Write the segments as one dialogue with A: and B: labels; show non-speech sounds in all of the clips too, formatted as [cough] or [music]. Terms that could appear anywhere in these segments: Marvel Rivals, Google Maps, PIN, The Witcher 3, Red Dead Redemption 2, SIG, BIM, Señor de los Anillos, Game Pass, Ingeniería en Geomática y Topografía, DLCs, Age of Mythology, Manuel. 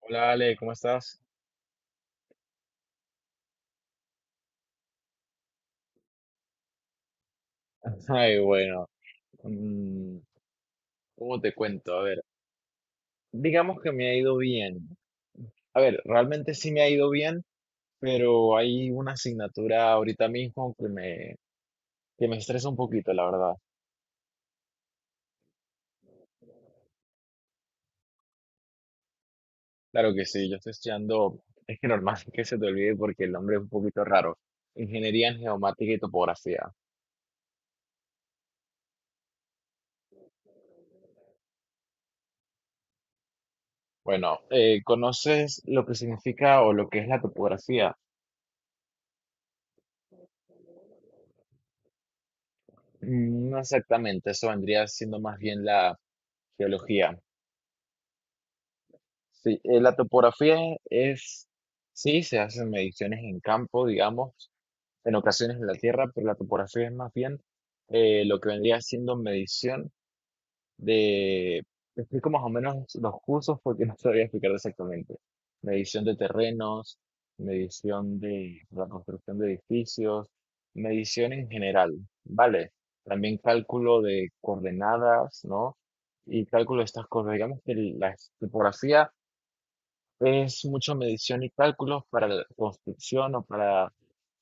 A: Hola Ale, ¿cómo estás? [laughs] Ay, bueno, mm, ¿cómo te cuento? A ver, digamos que me ha ido bien. A ver, realmente sí me ha ido bien, pero hay una asignatura ahorita mismo que me estresa un poquito, la verdad. Claro que sí, yo estoy estudiando, es que normal [laughs] que se te olvide porque el nombre es un poquito raro. Ingeniería en Geomática y Topografía. Bueno, ¿conoces lo que significa o lo que es la topografía? Mm, no exactamente, eso vendría siendo más bien la geología. Sí, la topografía es, sí, se hacen mediciones en campo, digamos, en ocasiones en la tierra, pero la topografía es más bien lo que vendría siendo medición de, te explico más o menos los cursos porque [laughs] no sabría explicar exactamente. Medición de terrenos, medición de la construcción de edificios, medición en general, ¿vale? También cálculo de coordenadas, ¿no? Y cálculo de estas cosas. Digamos que la topografía es mucha medición y cálculos para la construcción o para,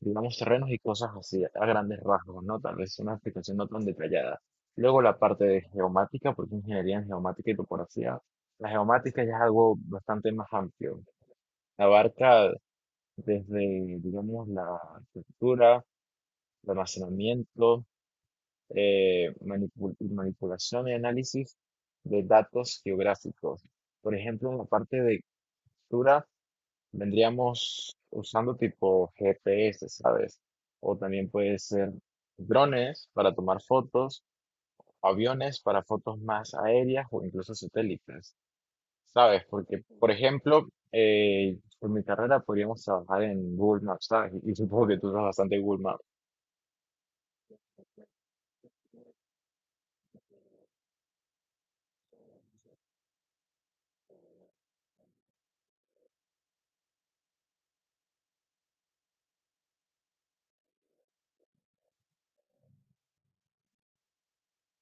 A: digamos, terrenos y cosas así, a grandes rasgos, ¿no? Tal vez una explicación no tan detallada. Luego la parte de geomática, porque ingeniería en geomática y topografía. La geomática ya es algo bastante más amplio. Abarca desde, digamos, la estructura, el almacenamiento, manipulación y análisis de datos geográficos. Por ejemplo, en la parte de estructura, vendríamos usando tipo GPS, ¿sabes? O también puede ser drones para tomar fotos, aviones para fotos más aéreas o incluso satélites, ¿sabes? Porque, por ejemplo, por mi carrera podríamos trabajar en Google Maps, ¿sabes? Y supongo que tú usas bastante Google Maps.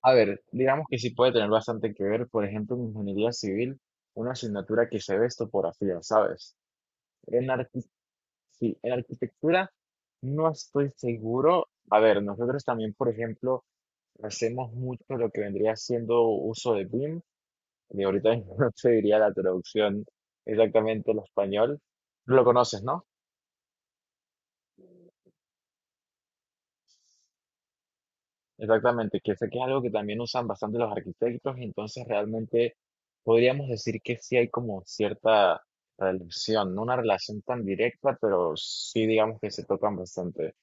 A: A ver, digamos que sí puede tener bastante que ver, por ejemplo, en ingeniería civil, una asignatura que se ve topografía, ¿sabes? En Sí, en arquitectura no estoy seguro. A ver, nosotros también, por ejemplo, hacemos mucho lo que vendría siendo uso de BIM. Y ahorita mismo [laughs] no te diría la traducción exactamente al español. Lo conoces, ¿no? Exactamente, que sé que es algo que también usan bastante los arquitectos, y entonces realmente podríamos decir que sí hay como cierta relación, no una relación tan directa, pero sí digamos que se tocan bastante.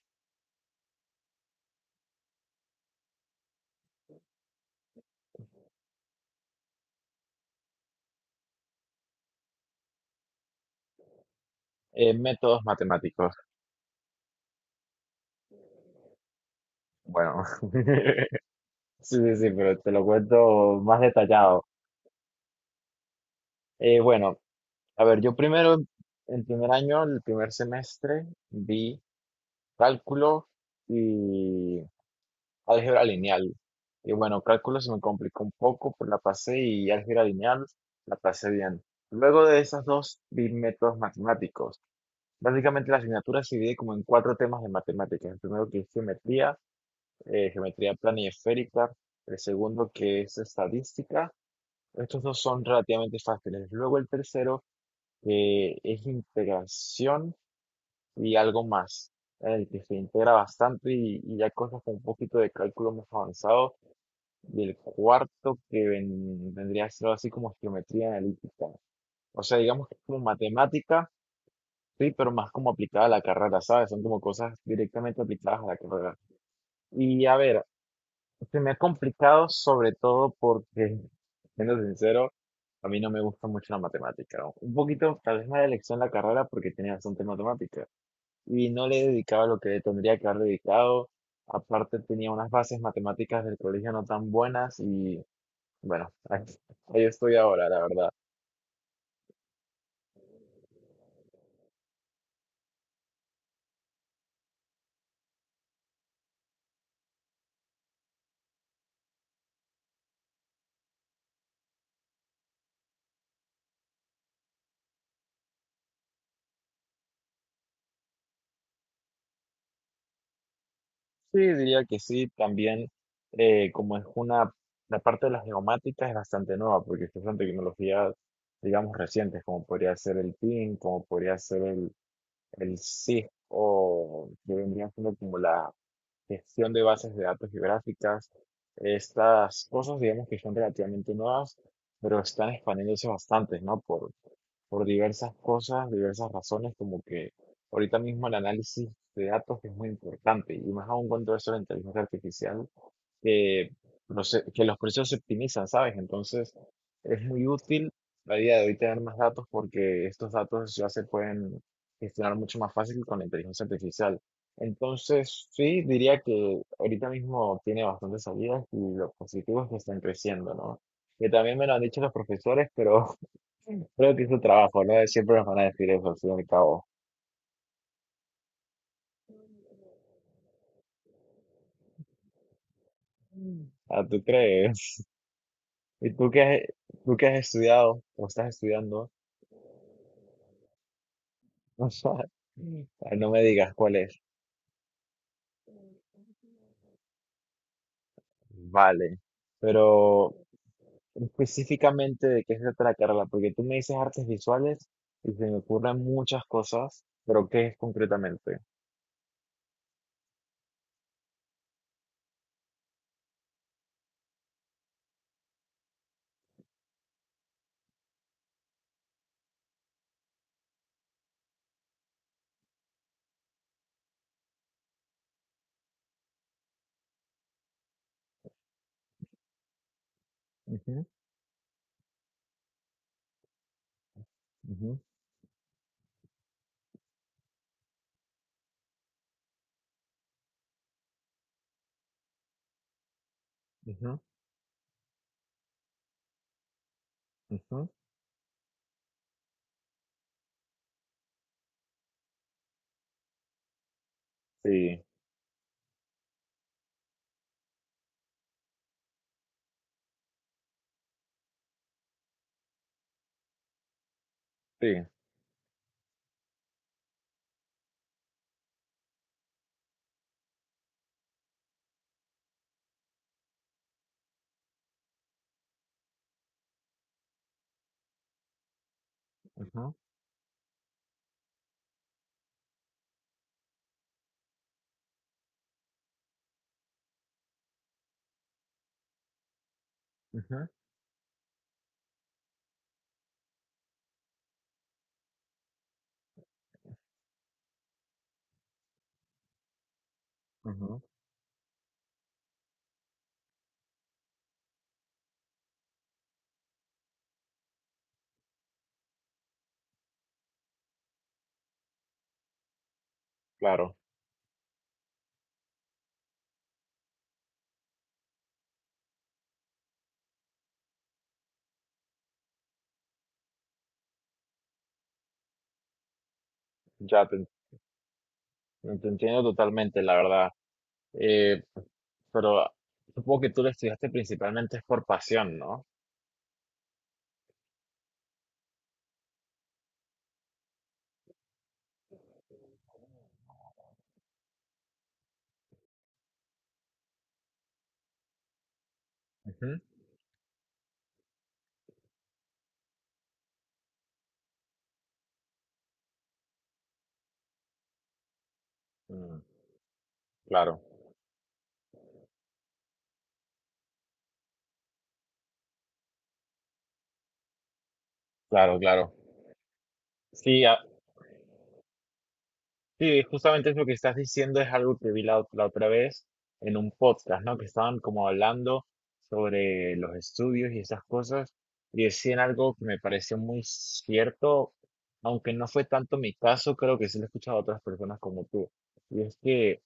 A: Métodos matemáticos, bueno. [laughs] Sí, sí, sí, pero te lo cuento más detallado. Eh, bueno, a ver, yo primero, en primer año, el primer semestre, vi cálculo y álgebra lineal. Y bueno, cálculo se me complicó un poco, pues la pasé y álgebra lineal la pasé bien. Luego de esas dos, vi métodos matemáticos. Básicamente la asignatura se divide como en cuatro temas de matemáticas. El primero que es geometría, geometría plana y esférica. El segundo que es estadística. Estos dos son relativamente fáciles. Luego el tercero, que es integración y algo más, en el que se integra bastante y ya cosas con un poquito de cálculo más avanzado. Y el cuarto, que vendría a ser algo así como geometría analítica. O sea, digamos que es como matemática, sí, pero más como aplicada a la carrera, ¿sabes? Son como cosas directamente aplicadas a la carrera. Y a ver, se me ha complicado sobre todo porque, siendo sincero, a mí no me gusta mucho la matemática. Un poquito, tal vez mala elección la carrera porque tenía bastante matemática y no le dedicaba lo que tendría que haber dedicado. Aparte tenía unas bases matemáticas del colegio no tan buenas y bueno, [laughs] ahí estoy ahora, la verdad. Sí, diría que sí, también eh, como es una, la parte de las geomáticas es bastante nueva porque estas son tecnologías, digamos, recientes, como podría ser el PIN, como podría ser el SIG, o que vendría siendo como la gestión de bases de datos geográficas. Estas cosas, digamos que son relativamente nuevas, pero están expandiéndose bastante, ¿no? Por diversas cosas, diversas razones, como que ahorita mismo el análisis de datos es muy importante, y más aún cuando eso de la inteligencia artificial que, que los procesos se optimizan, ¿sabes? Entonces, es muy útil la idea de hoy tener más datos porque estos datos ya se pueden gestionar mucho más fácil con la inteligencia artificial. Entonces, sí, diría que ahorita mismo tiene bastantes salidas y lo positivo es que están creciendo, ¿no? Que también me lo han dicho los profesores, pero [laughs] creo que es su trabajo, ¿no? Siempre nos van a decir eso, al fin y al cabo. Ah, ¿tú crees? [laughs] ¿Y tú qué has estudiado o estás estudiando? [laughs] Ay, no me digas cuál es. Vale. Pero específicamente de qué se trata la carrera, porque tú me dices artes visuales y se me ocurren muchas cosas, pero ¿qué es concretamente? Ujú, ujú, ujú, ujú. Sí, sí. Ujú, ujú, ujú. Claro, ya te, te entiendo totalmente, la verdad. Eh, pero supongo que tú lo estudiaste principalmente es por pasión, ¿no? Ujú. Mm, claro, claro, claro. Sí, sí, justamente es lo que estás diciendo, es algo que vi la otra vez en un podcast, ¿no? Que estaban como hablando sobre los estudios y esas cosas, y decían algo que me pareció muy cierto, aunque no fue tanto mi caso, creo que sí lo he escuchado a otras personas como tú. Y es que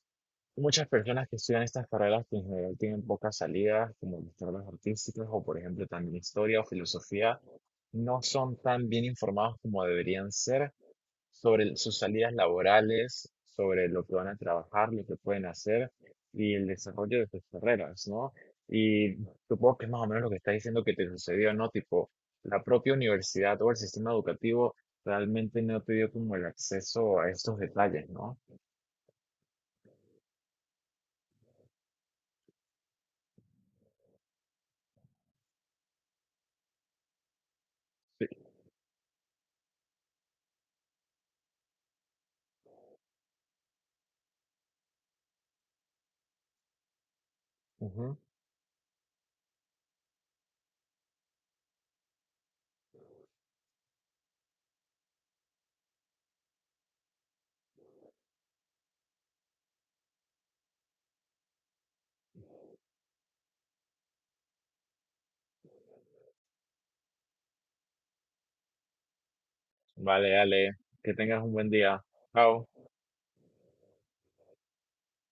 A: muchas personas que estudian estas carreras que en general tienen pocas salidas, como las carreras artísticas o por ejemplo también historia o filosofía, no son tan bien informados como deberían ser sobre sus salidas laborales, sobre lo que van a trabajar, lo que pueden hacer y el desarrollo de sus carreras, ¿no? Y supongo que es más o menos lo que estás diciendo que te sucedió, ¿no? Tipo, la propia universidad o el sistema educativo realmente no te dio como el acceso a estos detalles, ¿no? Sí. Ujú. Vale, dale, que tengas un buen día. Chao.